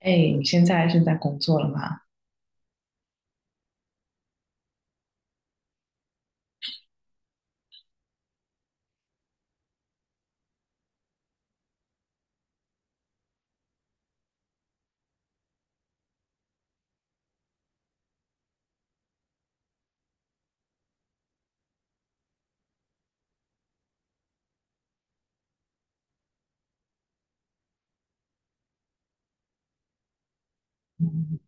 哎，你现在是在工作了吗？嗯，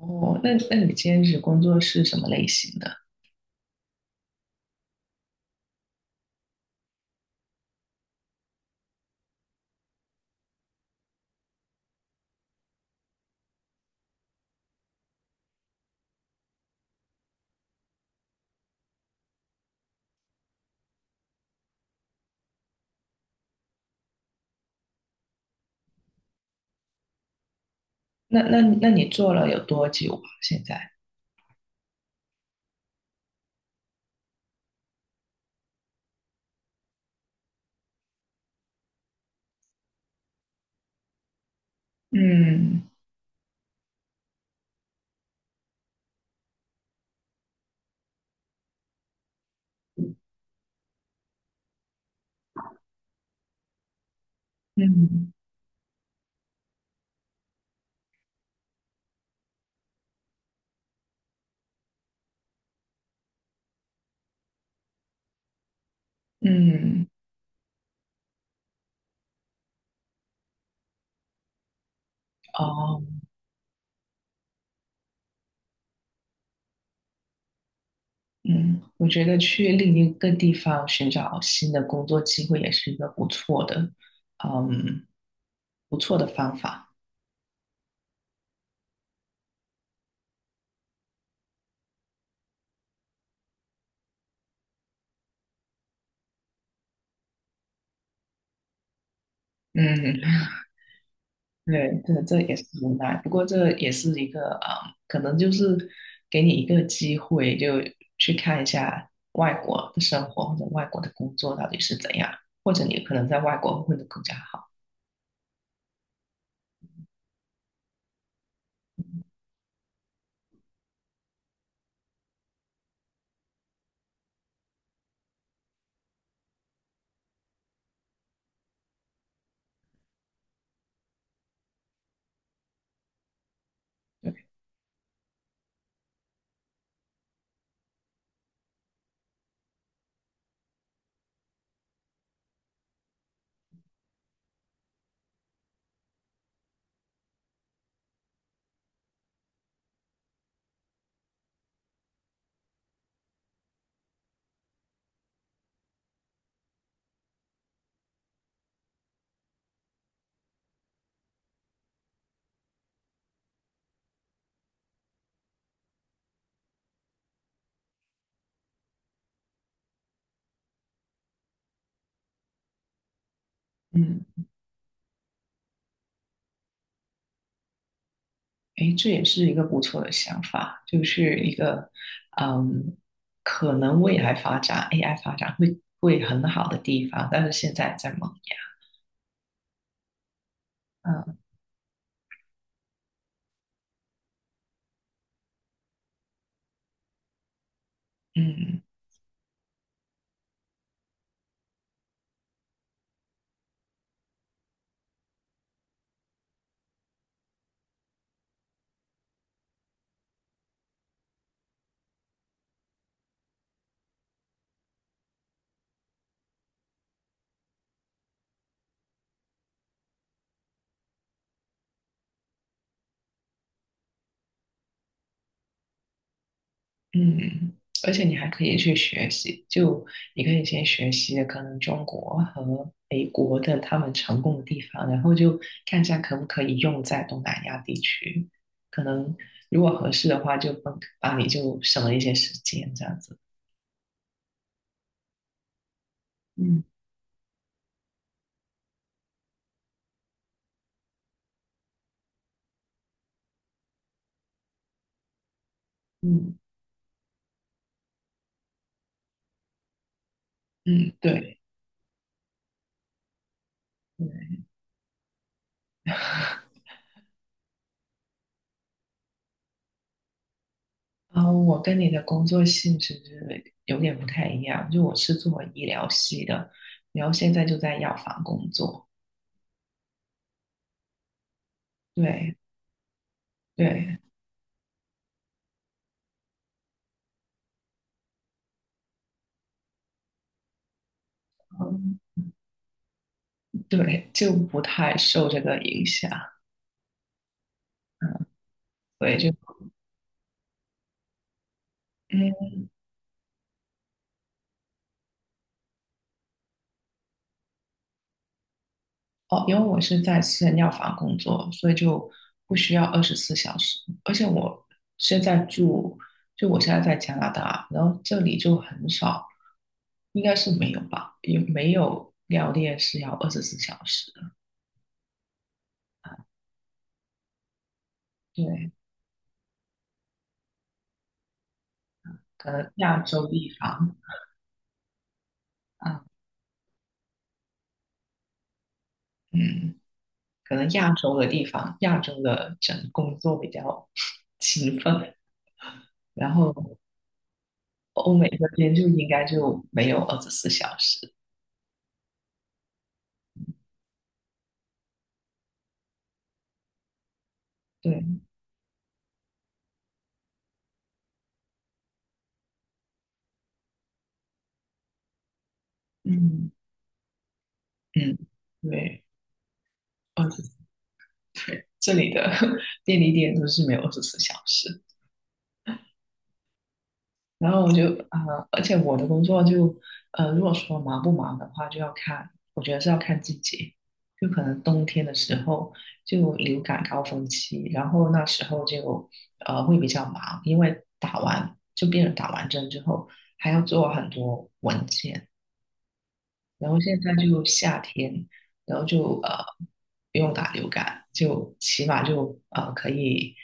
哦，那你兼职工作是什么类型的？那你做了有多久啊？现在？嗯嗯嗯，哦，嗯，我觉得去另一个地方寻找新的工作机会也是一个不错的，嗯，不错的方法。嗯。对，这也是无奈，不过这也是一个啊、可能就是给你一个机会，就去看一下外国的生活或者外国的工作到底是怎样，或者你可能在外国混得更加好。对，嗯，诶，这也是一个不错的想法，就是一个嗯，可能未来发展 AI 发展会很好的地方，但是现在在萌芽。嗯嗯。嗯，而且你还可以去学习，就你可以先学习可能中国和美国的他们成功的地方，然后就看一下可不可以用在东南亚地区。可能如果合适的话，就帮帮你就省了一些时间这样子。嗯嗯嗯，对对。然后我跟你的工作性质有点不太一样，就我是做医疗系的，然后现在就在药房工作。对对。嗯对，就不太受这个影响，嗯，所以就，嗯，哦，因为我是在私人药房工作，所以就不需要二十四小时，而且我现在住，就我现在在加拿大，然后这里就很少，应该是没有吧，也没有药店是要二十四小时的，对，可能亚洲地方啊，嗯，可能亚洲的地方，亚洲的整工作比较 勤奋，然后。欧美这边就应该就没有二十四小时。对，嗯嗯，对，二十对，这里的 便利店都是没有24小时。然后我就而且我的工作就如果说忙不忙的话，就要看，我觉得是要看季节。就可能冬天的时候就流感高峰期，然后那时候就会比较忙，因为打完就病人打完针之后还要做很多文件，然后现在就夏天，然后就不用打流感，就起码就可以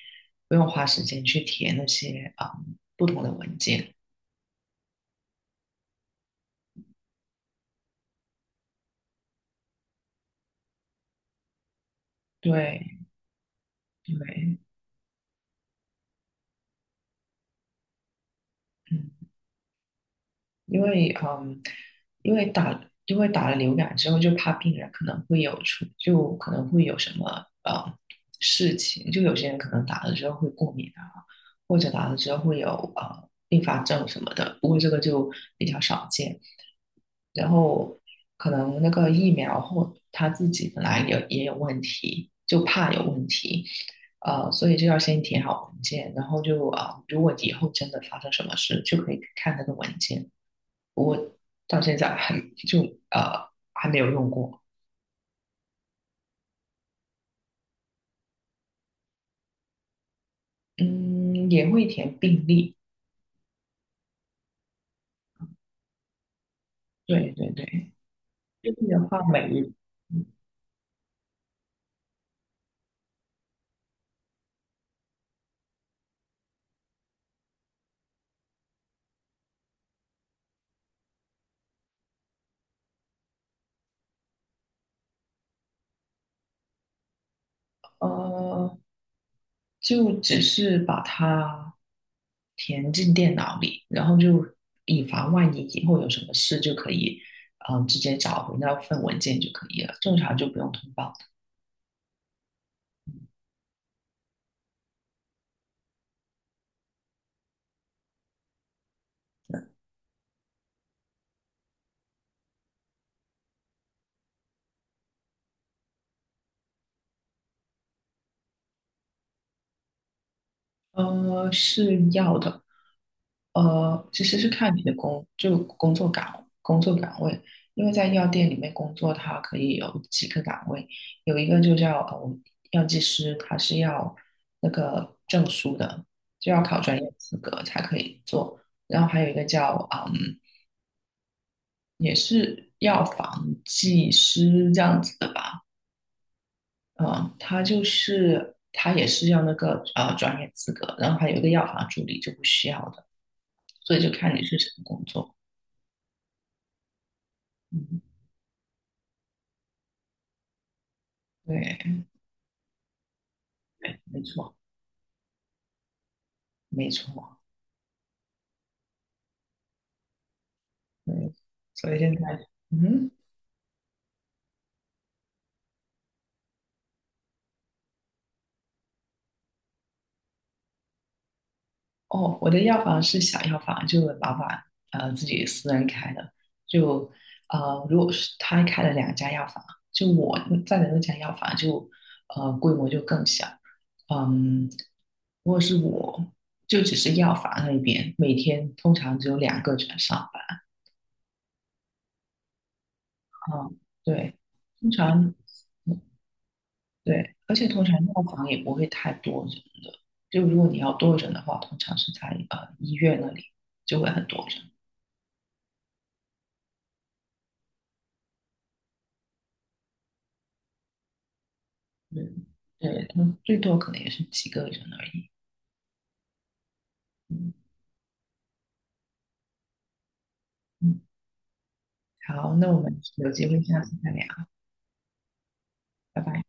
不用花时间去填那些啊、不同的文件。对对，嗯。因为嗯，因为打因为打了流感之后，就怕病人可能会有出，就可能会有什么呃事情，就有些人可能打了之后会过敏啊，或者打了之后会有并发症什么的，不过这个就比较少见。然后可能那个疫苗或他自己本来也有问题，就怕有问题，所以就要先填好文件，然后就啊、如果以后真的发生什么事，就可以看那个文件。我到现在就还没有用过。嗯，也会填病历，对对对，病历的话每日，呃，就只是把它填进电脑里，然后就以防万一以后有什么事就可以，直接找回那份文件就可以了，正常就不用通报。是要的。其实是看你的工，就工作岗位，因为在药店里面工作，它可以有几个岗位，有一个就叫药剂师，他是要那个证书的，就要考专业资格才可以做。然后还有一个叫也是药房技师这样子的吧，嗯，他也是要那个专业资格，然后还有一个药房助理就不需要的。所以就看你是什么工作。嗯，对，没错，没错，对，所以现在，嗯，哦，我的药房是小药房，就老板自己私人开的，就如果是他开了两家药房，就我在的那家药房就规模就更小，嗯，如果是我就只是药房那边，每天通常只有两个人上班，嗯，对，通常。对，而且通常药房也不会太多人的，就如果你要多人的话，通常是在医院那里就会很多人。嗯，对，他们最多可能也是几个人而已。嗯嗯，好，那我们有机会下次再聊，拜拜。